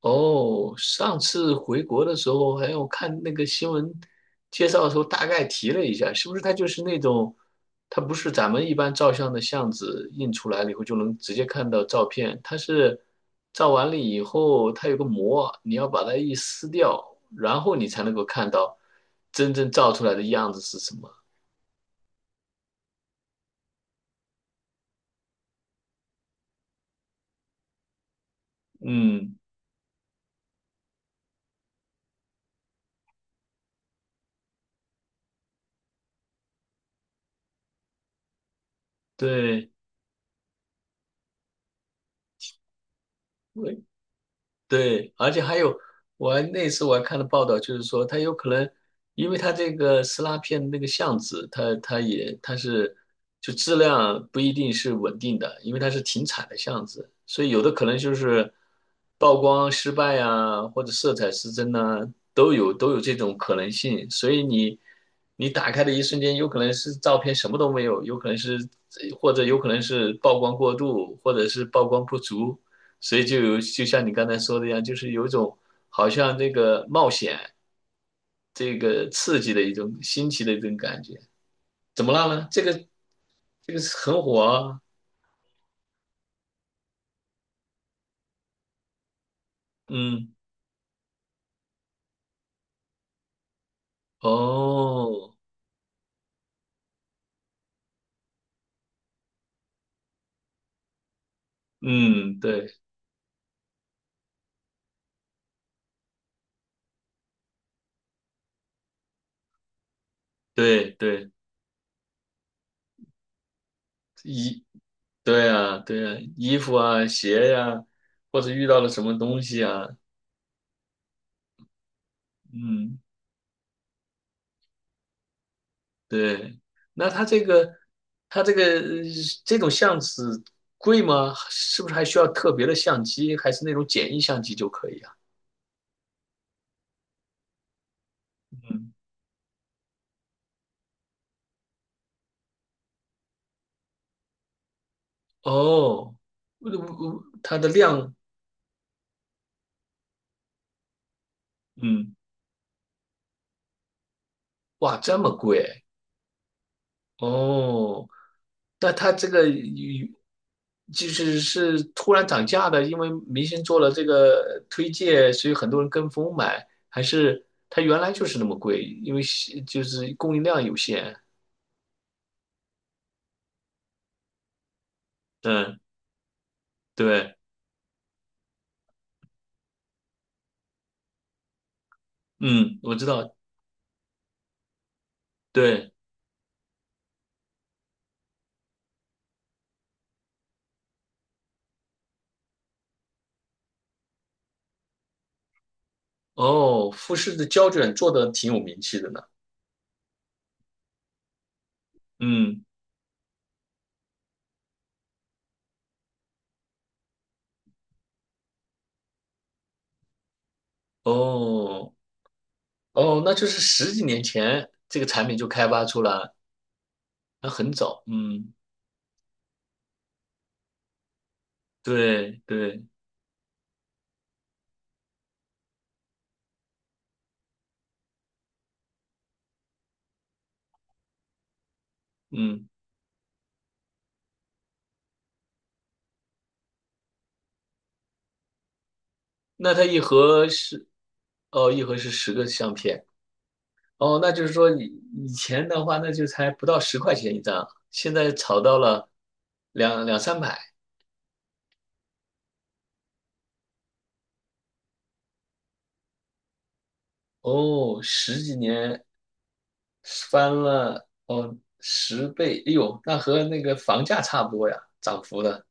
哦，上次回国的时候，还有看那个新闻介绍的时候，大概提了一下，是不是它就是那种，它不是咱们一般照相的相纸印出来了以后就能直接看到照片，它是照完了以后，它有个膜，你要把它一撕掉，然后你才能够看到真正照出来的样子是什么。嗯，对。对，而且还有，那次我还看了报道，就是说它有可能，因为它这个撕拉片的那个相纸，它是质量不一定是稳定的，因为它是停产的相纸，所以有的可能就是曝光失败啊，或者色彩失真呐、都有这种可能性。所以你打开的一瞬间，有可能是照片什么都没有，有可能是或者有可能是曝光过度，或者是曝光不足。所以就像你刚才说的一样，就是有一种好像这个冒险、这个刺激的一种新奇的一种感觉。怎么了呢？这个是很火啊，嗯，哦，嗯，对对对，衣，对啊对啊，衣服啊鞋呀、或者遇到了什么东西啊，嗯。对，那它这个，它这个这种相纸贵吗？是不是还需要特别的相机，还是那种简易相机就可以啊？嗯，哦，它的量，嗯，哇，这么贵哦？那它这个就是突然涨价的，因为明星做了这个推荐，所以很多人跟风买，还是它原来就是那么贵，因为是就是供应量有限？嗯，对。嗯，我知道，对，哦，富士的胶卷做的挺有名气的呢。嗯，哦，哦，那就是十几年前这个产品就开发出来，那很早。嗯，对对，嗯，那它一盒是，哦，一盒是10个相片。哦，那就是说以前的话，那就才不到10块钱一张，现在炒到了两三百。哦，十几年，翻了10倍，哎呦，那和那个房价差不多呀，涨幅的，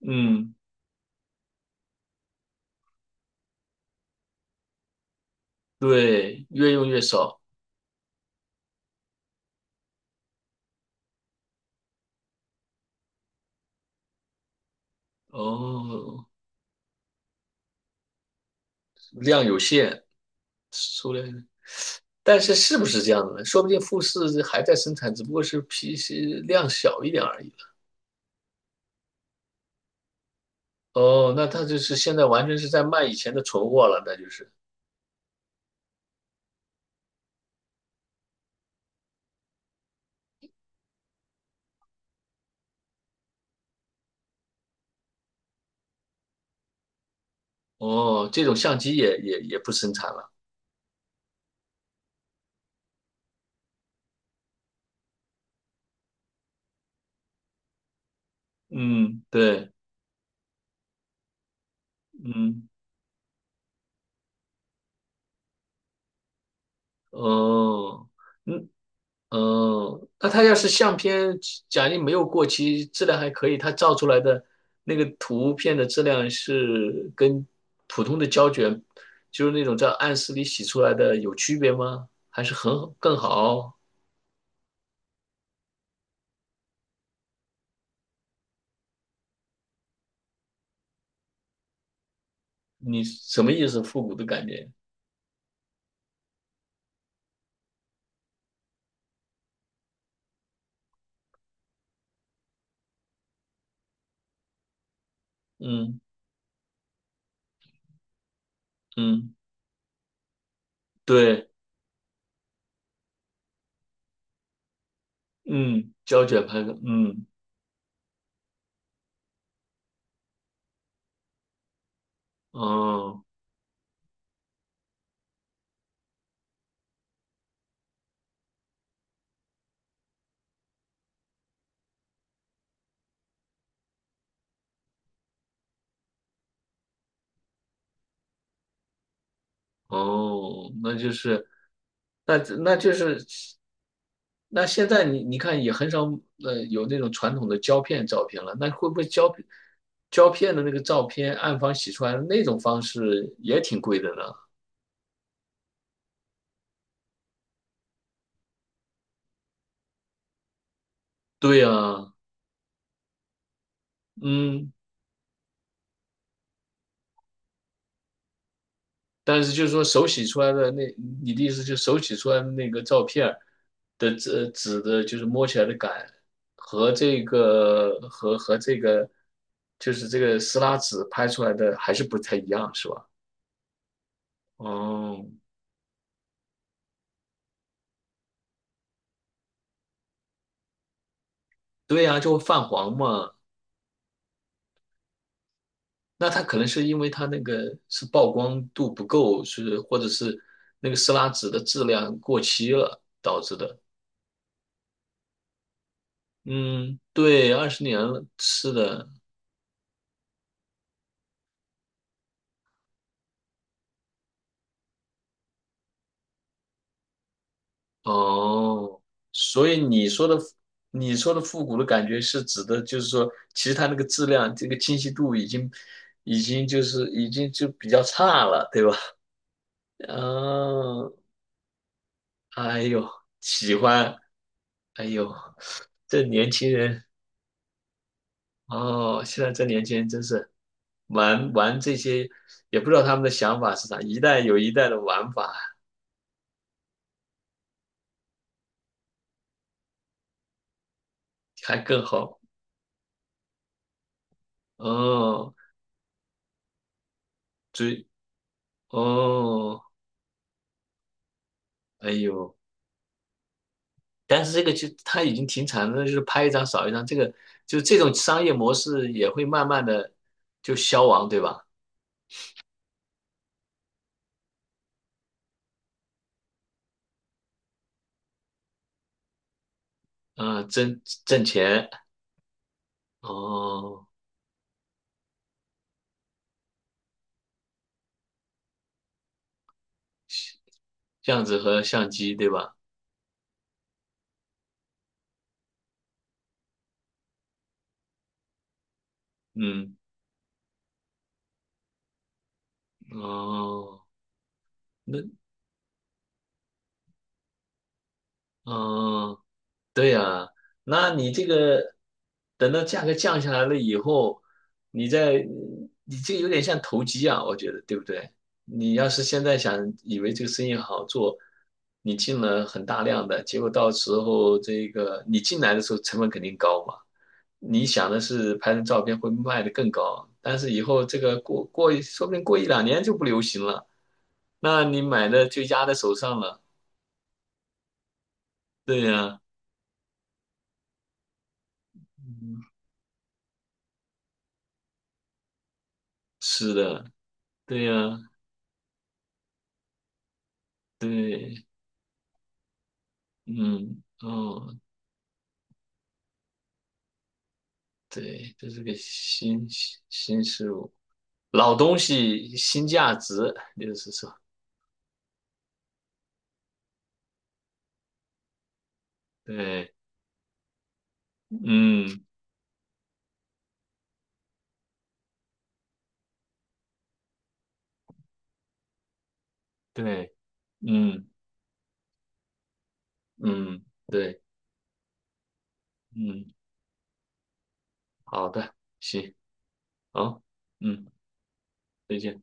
嗯，对，越用越少。哦，量有限，数量但是是不是这样的呢？说不定富士还在生产，只不过是批是量小一点而已了。哦，那它就是现在完全是在卖以前的存货了，那就是。哦，这种相机也不生产了。嗯，对，嗯，哦，嗯，嗯，那他要是相片，假定没有过期，质量还可以，他照出来的那个图片的质量是跟普通的胶卷，就是那种在暗室里洗出来的有区别吗？还是更好？你什么意思？复古的感觉？嗯嗯，对，嗯，胶卷拍的，嗯哦。哦，那就是，那就是，那现在你看也很少有那种传统的胶片照片了，那会不会胶片的那个照片暗房洗出来的那种方式也挺贵的呢？对呀，嗯。但是就是说手洗出来的那，你的意思就是手洗出来的那个照片儿的纸的，就是摸起来的感和这个就是这个撕拉纸拍出来的还是不太一样，是吧？哦，对呀，就会泛黄嘛。那它可能是因为它那个是曝光度不够，是或者是那个撕拉纸的质量过期了导致的。嗯，对，20年了，是的。哦，所以你说的你说的复古的感觉是指的，就是说，其实它那个质量，这个清晰度已经就比较差了，对吧？嗯、哎呦，喜欢，哎呦，这年轻人哦，现在这年轻人真是玩玩这些，也不知道他们的想法是啥，一代有一代的玩法，还更好。哦，追，哦，哎呦。但是这个就它已经停产了，就是拍一张少一张，这个就这种商业模式也会慢慢的就消亡，对吧？嗯，挣钱，哦，这样子和相机，对吧？嗯，哦，那，哦。对呀，那你这个等到价格降下来了以后，你再你这个有点像投机啊，我觉得对不对？你要是现在想以为这个生意好做，你进了很大量的，结果到时候这个你进来的时候成本肯定高嘛，你想的是拍成照片会卖得更高，但是以后这个过过一说不定过一两年就不流行了，那你买的就压在手上了。对呀，是的，对呀，对。嗯，哦，对，这是个新事物，老东西新价值，就是说，对，嗯，对，嗯嗯，对，嗯，好的，行，好，嗯，再见。